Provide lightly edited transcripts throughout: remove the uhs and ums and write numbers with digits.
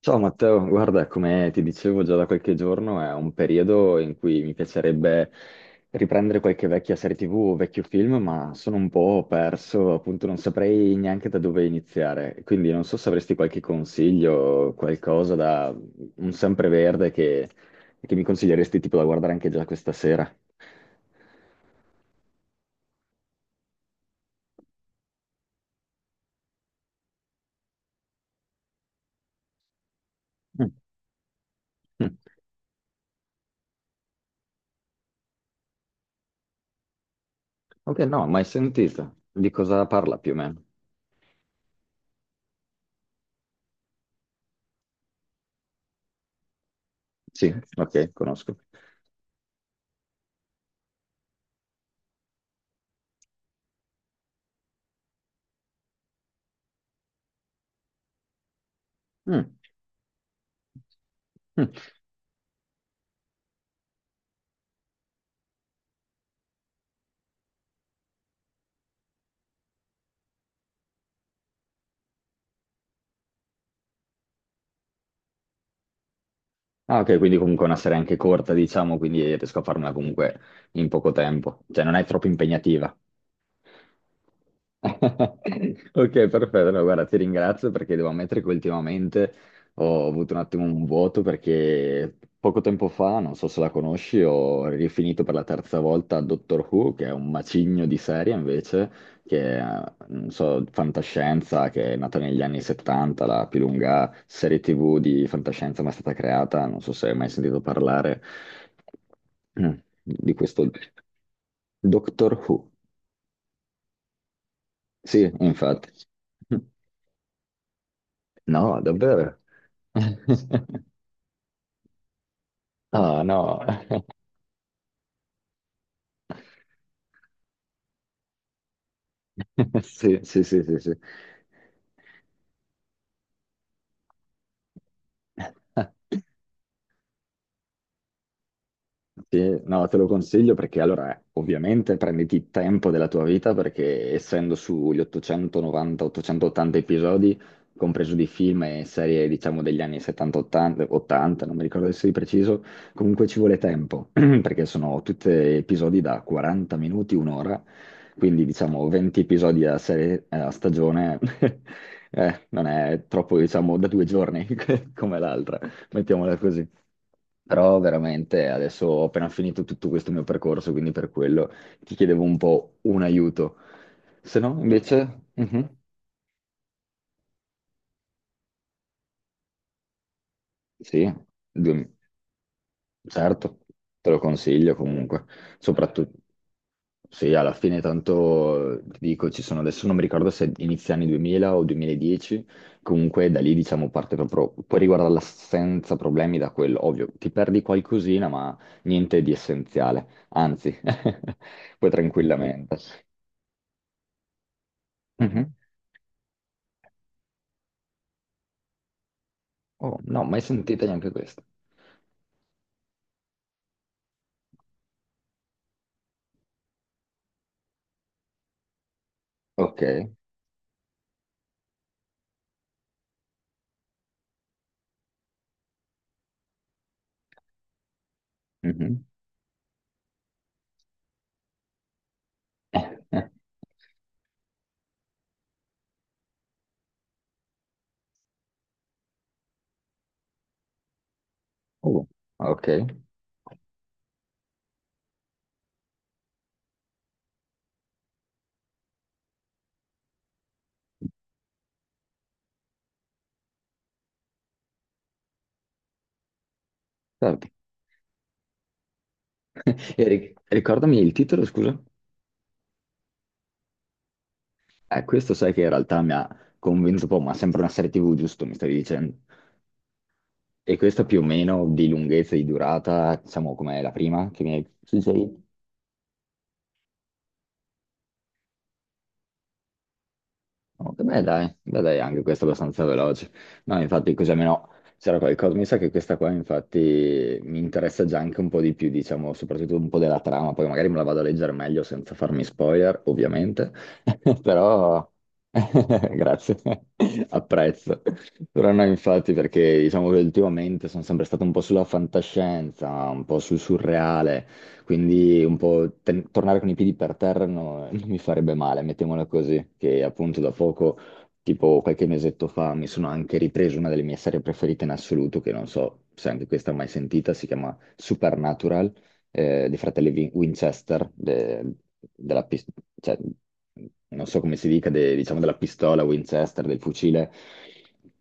Ciao Matteo, guarda, come ti dicevo già da qualche giorno, è un periodo in cui mi piacerebbe riprendere qualche vecchia serie TV o vecchio film, ma sono un po' perso, appunto non saprei neanche da dove iniziare. Quindi non so se avresti qualche consiglio, qualcosa da un sempreverde che mi consiglieresti tipo da guardare anche già questa sera. Mm. Mm. Ok, no, mai sentita. Di cosa parla più o meno? Sì, ok, conosco. Mm. Mm. Ah, ok, quindi comunque è una serie anche corta, diciamo, quindi riesco a farmela comunque in poco tempo. Cioè, non è troppo impegnativa. Ok, perfetto. No, guarda, ti ringrazio perché devo ammettere che ultimamente ho avuto un attimo un vuoto perché poco tempo fa, non so se la conosci, ho rifinito per la terza volta Doctor Who, che è un macigno di serie invece, che non so, fantascienza, che è nata negli anni 70, la più lunga serie TV di fantascienza mai stata creata, non so se hai mai sentito parlare mm, di questo Doctor Who. Sì, infatti. No, davvero? Ah, no. Sì, sì, sì, sì, sì. Sì, no, te lo consiglio perché allora ovviamente prenditi il tempo della tua vita perché essendo sugli 890-880 episodi, compreso di film e serie diciamo degli anni 70-80, 80, non mi ricordo adesso di preciso, comunque ci vuole tempo perché sono tutti episodi da 40 minuti, un'ora, quindi diciamo 20 episodi a, serie, a stagione non è troppo diciamo da 2 giorni come l'altra mettiamola così. Però veramente adesso ho appena finito tutto questo mio percorso, quindi per quello ti chiedevo un po' un aiuto. Se no, invece, sì, du- certo, te lo consiglio comunque, soprattutto. Sì, alla fine tanto ti dico, ci sono adesso non mi ricordo se inizia anni 2000 o 2010, comunque da lì diciamo parte proprio, puoi riguardarla senza problemi da quello, ovvio, ti perdi qualcosina ma niente di essenziale, anzi, puoi tranquillamente. Mhm. Oh, no, mai sentita neanche questa. Ok. Mhm. Oh, ok. Certo. E ricordami il titolo, scusa? Questo sai che in realtà mi ha convinto un po', ma sempre una serie TV, giusto, mi stavi dicendo? E questa più o meno di lunghezza e di durata, diciamo, com'è la prima che mi hai... Sì, sì. Oh, che beh, dai, beh, dai, anche questo è abbastanza veloce. No, infatti, così almeno c'era qualcosa. Mi sa che questa qua, infatti, mi interessa già anche un po' di più, diciamo, soprattutto un po' della trama. Poi magari me la vado a leggere meglio senza farmi spoiler, ovviamente. Però, grazie, apprezzo. Però no, infatti, perché diciamo che ultimamente sono sempre stato un po' sulla fantascienza, un po' sul surreale. Quindi un po' tornare con i piedi per terra non mi farebbe male, mettiamola così, che appunto da poco, tipo qualche mesetto fa, mi sono anche ripreso una delle mie serie preferite in assoluto, che non so se anche questa mai sentita, si chiama Supernatural dei fratelli Winchester, della pis- cioè, non so come si dica, diciamo della pistola Winchester, del fucile,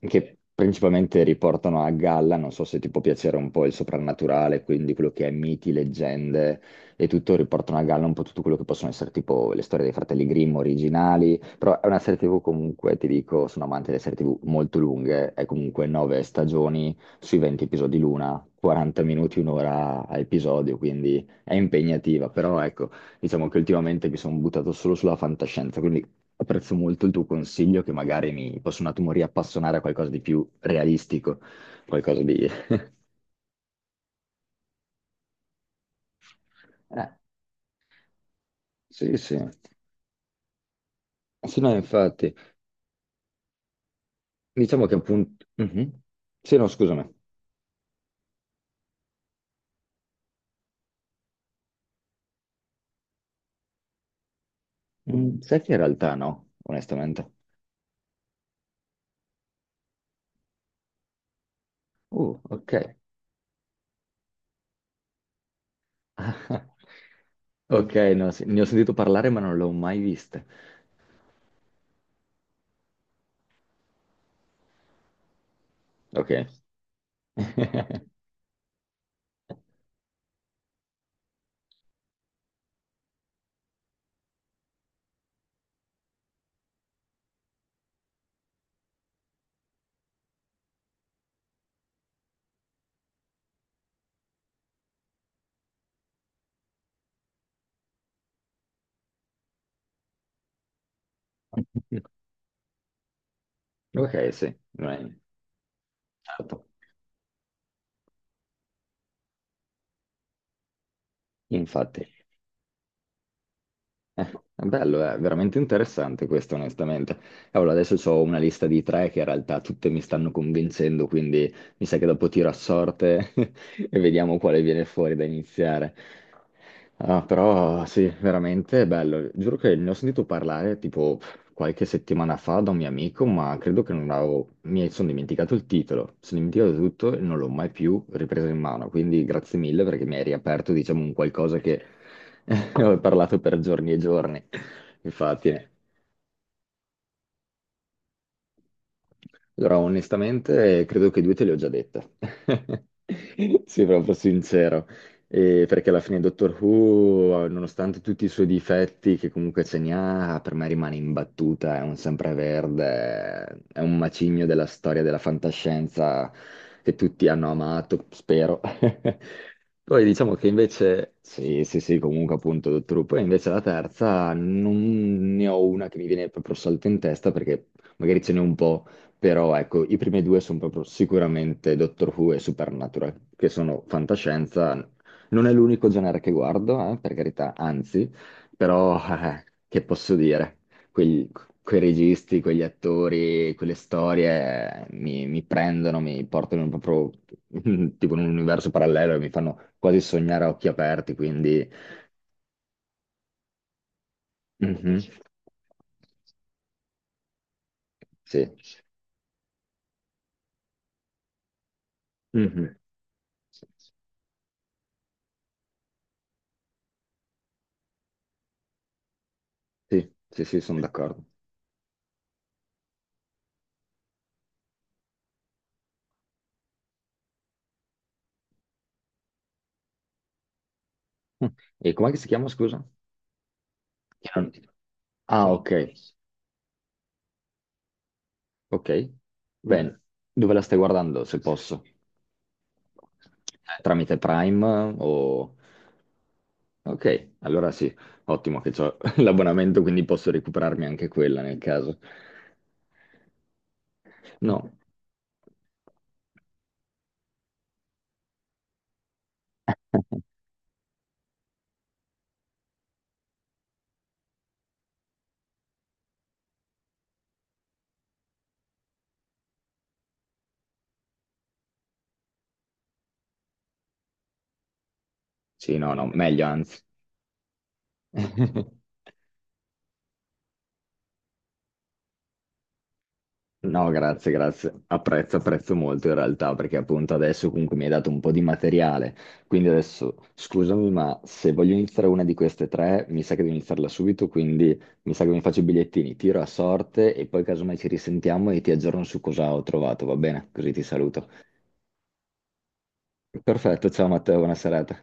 che principalmente riportano a galla, non so se ti può piacere un po' il soprannaturale, quindi quello che è miti, leggende e tutto, riportano a galla un po' tutto quello che possono essere tipo le storie dei fratelli Grimm originali, però è una serie TV comunque, ti dico, sono amante delle serie TV molto lunghe, è comunque nove stagioni sui 20 episodi l'una, 40 minuti, un'ora a episodio, quindi è impegnativa, però ecco, diciamo che ultimamente mi sono buttato solo sulla fantascienza, quindi apprezzo molto il tuo consiglio che magari mi posso un attimo riappassionare a qualcosa di più realistico, qualcosa di... Eh, sì, sì. Sì, no, infatti, diciamo che appunto... Mhm. Sì, no, scusami. Mm, sai che in realtà no, onestamente. Ok. Ok, no, sì, ne ho sentito parlare ma non l'ho mai vista. Ok. Ok, sì, non è- certo. Infatti, è bello, è veramente interessante questo, onestamente. Allora, adesso ho una lista di tre che in realtà tutte mi stanno convincendo, quindi mi sa che dopo tiro a sorte e vediamo quale viene fuori da iniziare. Ah, però sì, veramente è bello. Giuro che ne ho sentito parlare tipo qualche settimana fa da un mio amico, ma credo che non avevo... mi sono dimenticato il titolo, sono dimenticato tutto e non l'ho mai più ripreso in mano, quindi grazie mille perché mi hai riaperto, diciamo, un qualcosa che ho parlato per giorni e giorni. Infatti. Allora, onestamente, credo che due te le ho già dette. Sì, proprio sincero. Perché alla fine Doctor Who, nonostante tutti i suoi difetti, che comunque ce ne ha, per me rimane imbattuta, è un sempreverde, è un macigno della storia della fantascienza che tutti hanno amato, spero. Poi diciamo che invece, sì, sì, sì, comunque appunto Doctor Who, poi invece la terza non ne ho una che mi viene proprio salto in testa perché magari ce n'è un po'. Però ecco, i primi due sono proprio sicuramente Doctor Who e Supernatural, che sono fantascienza. Non è l'unico genere che guardo, per carità, anzi, però che posso dire? Quegli- quei registi, quegli attori, quelle storie mi prendono, mi portano proprio tipo in un universo parallelo e mi fanno quasi sognare a occhi aperti, quindi... mhm, sì. Mhm. Sì, sì, sì, sono d'accordo. E com'è che si chiama, scusa? Che non ti trovo. Ah, ok, ok. Bene. Dove la stai guardando, se posso? Tramite Prime o... Ok, allora sì, ottimo che ho l'abbonamento, quindi posso recuperarmi anche quella nel caso. No, sì, no, no, meglio anzi. No, grazie, grazie. Apprezzo, apprezzo molto in realtà perché appunto adesso comunque mi hai dato un po' di materiale. Quindi adesso scusami, ma se voglio iniziare una di queste tre, mi sa che devo iniziarla subito, quindi mi sa che mi faccio i bigliettini, tiro a sorte e poi casomai ci risentiamo e ti aggiorno su cosa ho trovato, va bene? Così ti saluto. Perfetto, ciao Matteo, buona serata.